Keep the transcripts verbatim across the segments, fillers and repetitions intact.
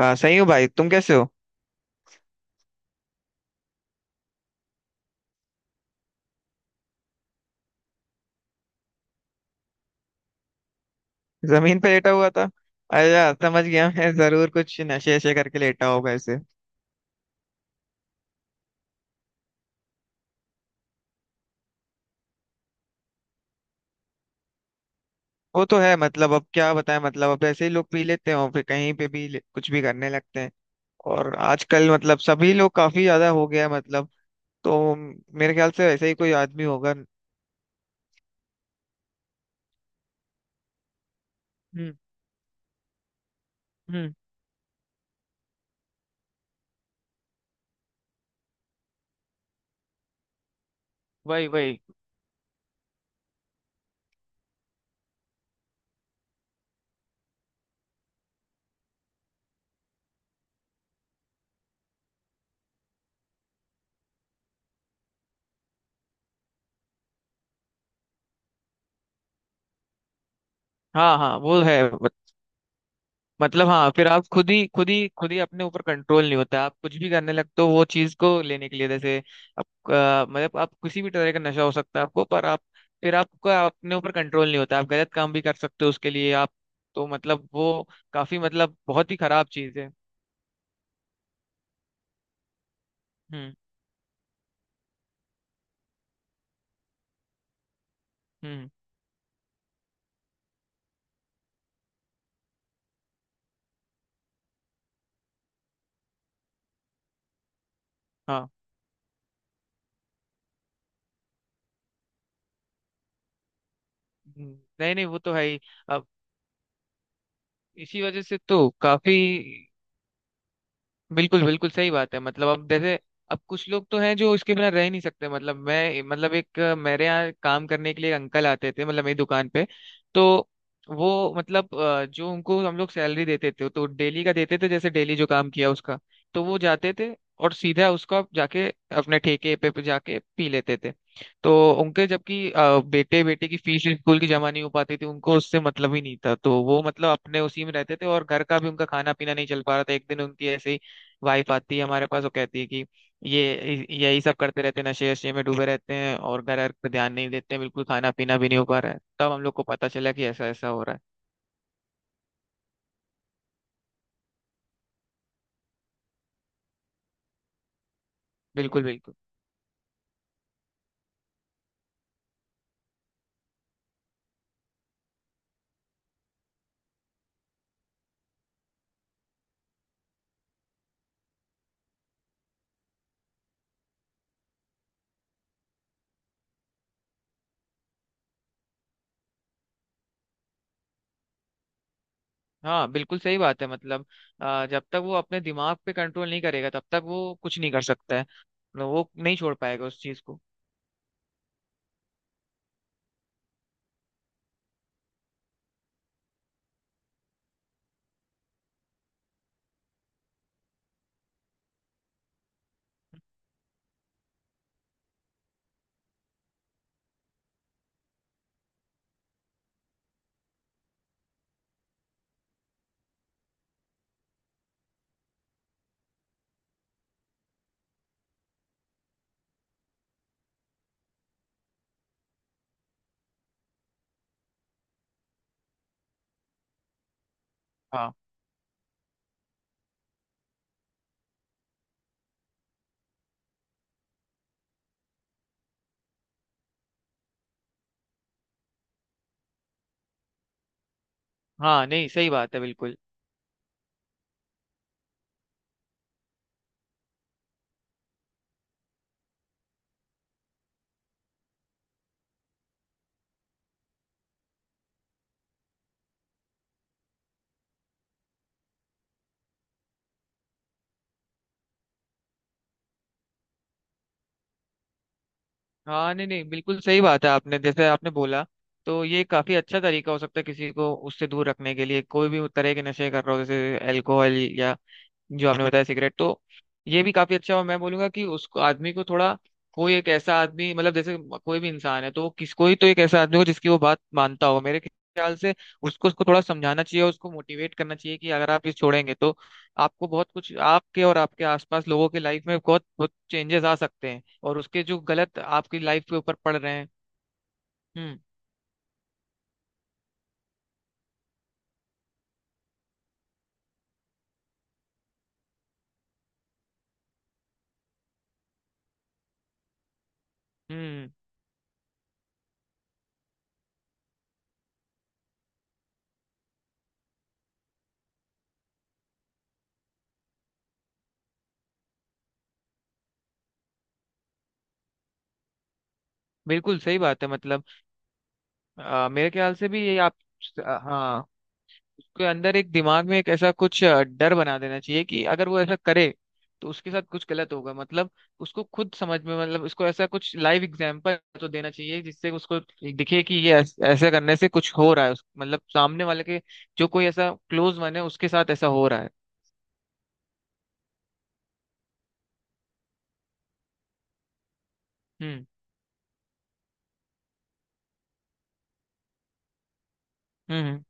हाँ, सही हूँ भाई। तुम कैसे हो? जमीन पे लेटा हुआ था? अरे यार, समझ गया, मैं जरूर कुछ नशे वशे करके लेटा होगा ऐसे। वो तो है, मतलब अब क्या बताएं, मतलब अब ऐसे ही लोग पी लेते हैं और फिर कहीं पे भी ले- कुछ भी करने लगते हैं। और आजकल मतलब सभी लोग काफी ज्यादा हो गया है, मतलब तो मेरे ख्याल से ऐसे ही कोई आदमी होगा। हम्म। हम्म। वही वही। हाँ हाँ, वो है, मतलब हाँ, फिर आप खुद ही खुद ही खुद ही अपने ऊपर कंट्रोल नहीं होता, आप कुछ भी करने लगते हो वो चीज को लेने के लिए। जैसे आप, अ, मतलब आप, किसी भी तरह का नशा हो सकता है आपको, पर आप फिर आपका अपने ऊपर कंट्रोल नहीं होता, आप गलत काम भी कर सकते हो उसके लिए। आप, तो मतलब वो काफी मतलब बहुत ही खराब चीज है। हम्म। हम्म। हाँ। हम्म, नहीं नहीं, वो तो है ही। अब इसी वजह से तो काफी। बिल्कुल बिल्कुल सही बात है, मतलब अब जैसे, अब कुछ लोग तो हैं जो इसके बिना रह ही नहीं सकते, मतलब मैं, मतलब एक, अ, मेरे यहाँ काम करने के लिए एक अंकल आते थे, मतलब मेरी दुकान पे। तो वो मतलब, अ, जो उनको हम लोग सैलरी देते थे तो डेली का देते थे, जैसे डेली जो काम किया उसका। तो वो जाते थे और सीधा उसका जाके अपने ठेके पे पे जाके पी लेते थे। तो उनके, जबकि अ, बेटे बेटे की फीस स्कूल की जमा नहीं हो पाती थी, उनको उससे मतलब ही नहीं था, तो वो मतलब अपने उसी में रहते थे और घर का भी उनका खाना पीना नहीं चल पा रहा था। एक दिन उनकी ऐसे ही वाइफ आती है हमारे पास, वो कहती है कि ये यही सब करते रहते हैं, नशे वशे में डूबे रहते हैं और घर घर पे ध्यान नहीं देते हैं बिल्कुल, खाना पीना भी नहीं हो पा रहा है। तब हम लोग को पता चला कि ऐसा ऐसा हो रहा है। बिल्कुल बिल्कुल। हाँ, बिल्कुल सही बात है, मतलब अ, जब तक वो अपने दिमाग पे कंट्रोल नहीं करेगा, तब तक वो कुछ नहीं कर सकता है, मतलब वो नहीं छोड़ पाएगा उस चीज को। हाँ हाँ, नहीं, सही बात है बिल्कुल। हाँ, नहीं नहीं, बिल्कुल सही बात है, आपने जैसे आपने बोला तो ये काफी अच्छा तरीका हो सकता है किसी को उससे दूर रखने के लिए। कोई भी तरह के नशे कर रहा हो, जैसे अल्कोहल या जो आपने बताया सिगरेट, तो ये भी काफी अच्छा। और मैं बोलूंगा कि उसको आदमी को थोड़ा, कोई एक ऐसा आदमी, मतलब जैसे कोई भी इंसान है तो वो किस कोई तो एक ऐसा आदमी हो जिसकी वो बात मानता हो मेरे ख्याल से। उसको उसको थोड़ा समझाना चाहिए, उसको मोटिवेट करना चाहिए कि अगर आप ये छोड़ेंगे तो आपको बहुत कुछ, आपके और आपके आसपास लोगों की लाइफ में बहुत बहुत चेंजेस आ सकते हैं, और उसके जो गलत आपकी लाइफ के ऊपर पड़ रहे हैं। हम्म। हम्म। बिल्कुल सही बात है, मतलब अ, मेरे ख्याल से भी ये आप। हाँ, उसके अंदर एक दिमाग में एक ऐसा कुछ, अ, डर बना देना चाहिए कि अगर वो ऐसा करे तो उसके साथ कुछ गलत होगा, मतलब उसको खुद समझ में, मतलब उसको ऐसा कुछ लाइव एग्जांपल तो देना चाहिए जिससे उसको दिखे कि ये ऐस- ऐसा करने से कुछ हो रहा है उस- मतलब सामने वाले के, जो कोई ऐसा क्लोज मन है उसके साथ ऐसा हो रहा है। हम्म। हम्म।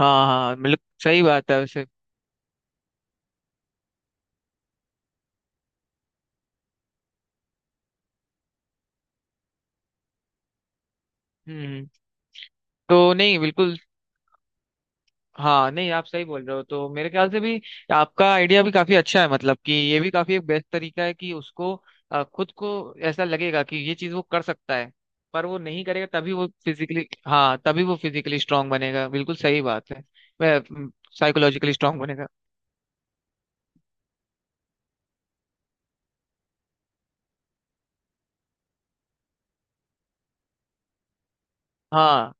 हाँ हाँ, मतलब सही बात है वैसे। हम्म। तो नहीं, बिल्कुल। हाँ, नहीं, आप सही बोल रहे हो, तो मेरे ख्याल से भी आपका आइडिया भी काफी अच्छा है, मतलब कि ये भी काफी एक बेस्ट तरीका है कि उसको, अ, खुद को ऐसा लगेगा कि ये चीज वो कर सकता है, पर वो नहीं करेगा, तभी वो फिजिकली हाँ तभी वो फिजिकली स्ट्रांग बनेगा। बिल्कुल सही बात है। साइकोलॉजिकली स्ट्रांग बनेगा। हाँ।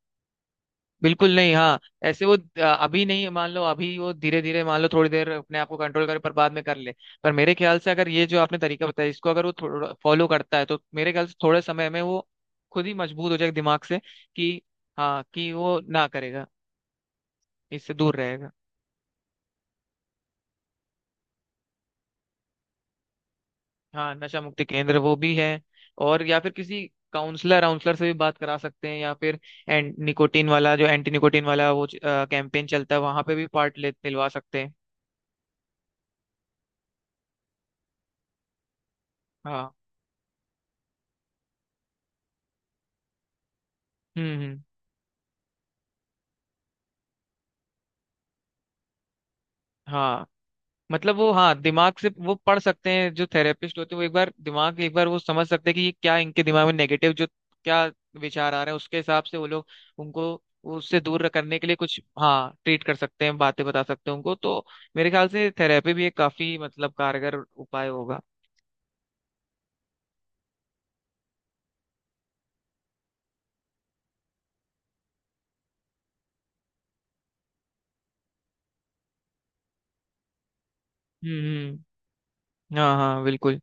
बिल्कुल, नहीं, हाँ। ऐसे वो, अ, अभी नहीं, मान लो अभी वो धीरे धीरे, मान लो थोड़ी देर अपने आप को कंट्रोल करे, पर बाद में कर ले। पर मेरे ख्याल से अगर ये जो आपने तरीका बताया इसको अगर वो थोड़ा फॉलो करता है तो मेरे ख्याल से थोड़े समय में वो खुद ही मजबूत हो जाएगा दिमाग से। कि हाँ, कि वो ना करेगा, इससे दूर रहेगा। हाँ, नशा मुक्ति केंद्र वो भी है, और या फिर किसी काउंसलर काउंसलर से भी बात करा सकते हैं, या फिर एंड निकोटीन वाला जो एंटी निकोटीन वाला वो कैंपेन चलता है वहां पे भी पार्ट ले दिलवा सकते हैं। हाँ। हम्म। हम्म। हाँ, मतलब वो, हाँ, दिमाग से वो पढ़ सकते हैं जो थेरेपिस्ट होते हैं, वो एक बार दिमाग एक बार वो समझ सकते हैं कि ये क्या, इनके दिमाग में नेगेटिव जो क्या विचार आ रहे हैं उसके हिसाब से वो लोग उनको, वो उससे दूर करने के लिए कुछ, हाँ, ट्रीट कर सकते हैं, बातें बता सकते हैं उनको। तो मेरे ख्याल से थेरेपी भी एक काफी मतलब कारगर उपाय होगा। हम्म। हम्म, हाँ हाँ, बिल्कुल।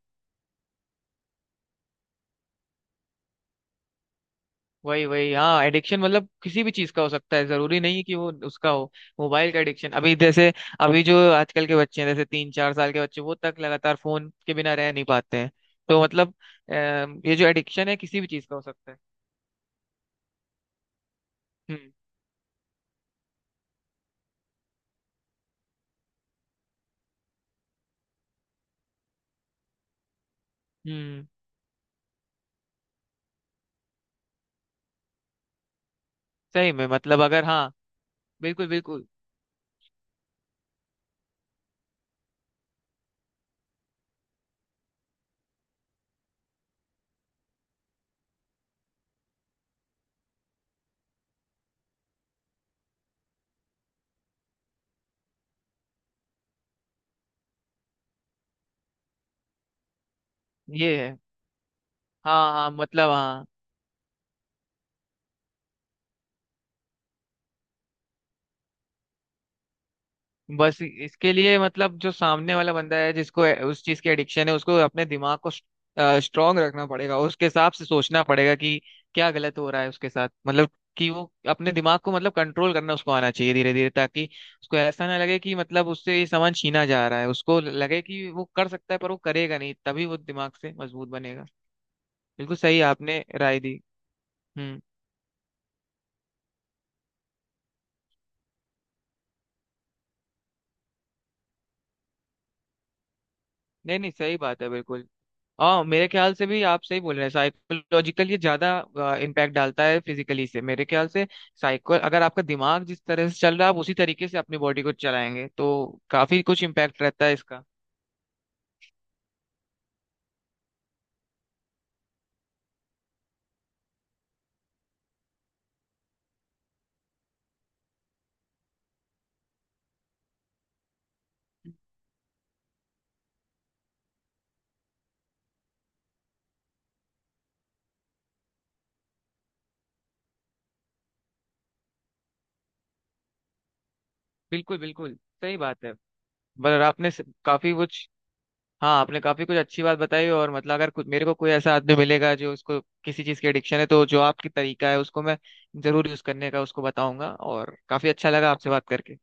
वही वही। हाँ, एडिक्शन मतलब किसी भी चीज का हो सकता है, जरूरी नहीं है कि वो उसका हो। मोबाइल का एडिक्शन, अभी जैसे अभी जो आजकल के बच्चे हैं, जैसे तीन चार साल के बच्चे वो तक लगातार फोन के बिना रह नहीं पाते हैं, तो मतलब अ, ये जो एडिक्शन है किसी भी चीज का हो सकता है। हम्म। हम्म। सही में मतलब, अगर, हाँ, बिल्कुल बिल्कुल। ये है। हाँ हाँ, मतलब हाँ, बस इसके लिए मतलब जो सामने वाला बंदा है जिसको ए- उस चीज की एडिक्शन है, उसको अपने दिमाग को स्ट्रांग रखना पड़ेगा, उसके हिसाब से सोचना पड़ेगा कि क्या गलत हो रहा है उसके साथ, मतलब कि वो अपने दिमाग को मतलब कंट्रोल करना उसको आना चाहिए धीरे धीरे, ताकि उसको ऐसा ना लगे कि मतलब उससे ये सामान छीना जा रहा है, उसको लगे कि वो कर सकता है पर वो करेगा नहीं, तभी वो दिमाग से मजबूत बनेगा। बिल्कुल सही, आपने राय दी। हम्म। नहीं नहीं, सही बात है बिल्कुल। हाँ, मेरे ख्याल से भी आप सही बोल रहे हैं, साइकोलॉजिकल ये ज्यादा इम्पैक्ट डालता है फिजिकली से, मेरे ख्याल से। साइको, अगर आपका दिमाग जिस तरह से चल रहा है आप उसी तरीके से अपनी बॉडी को चलाएंगे तो काफी कुछ इम्पैक्ट रहता है इसका। बिल्कुल बिल्कुल सही बात है। पर आपने स- काफी कुछ, हाँ आपने काफी कुछ अच्छी बात बताई, और मतलब अगर कुछ मेरे को कोई ऐसा आदमी मिलेगा जो उसको किसी चीज की एडिक्शन है, तो जो आपकी तरीका है उसको मैं जरूर यूज करने का उसको बताऊंगा, और काफी अच्छा लगा आपसे बात करके।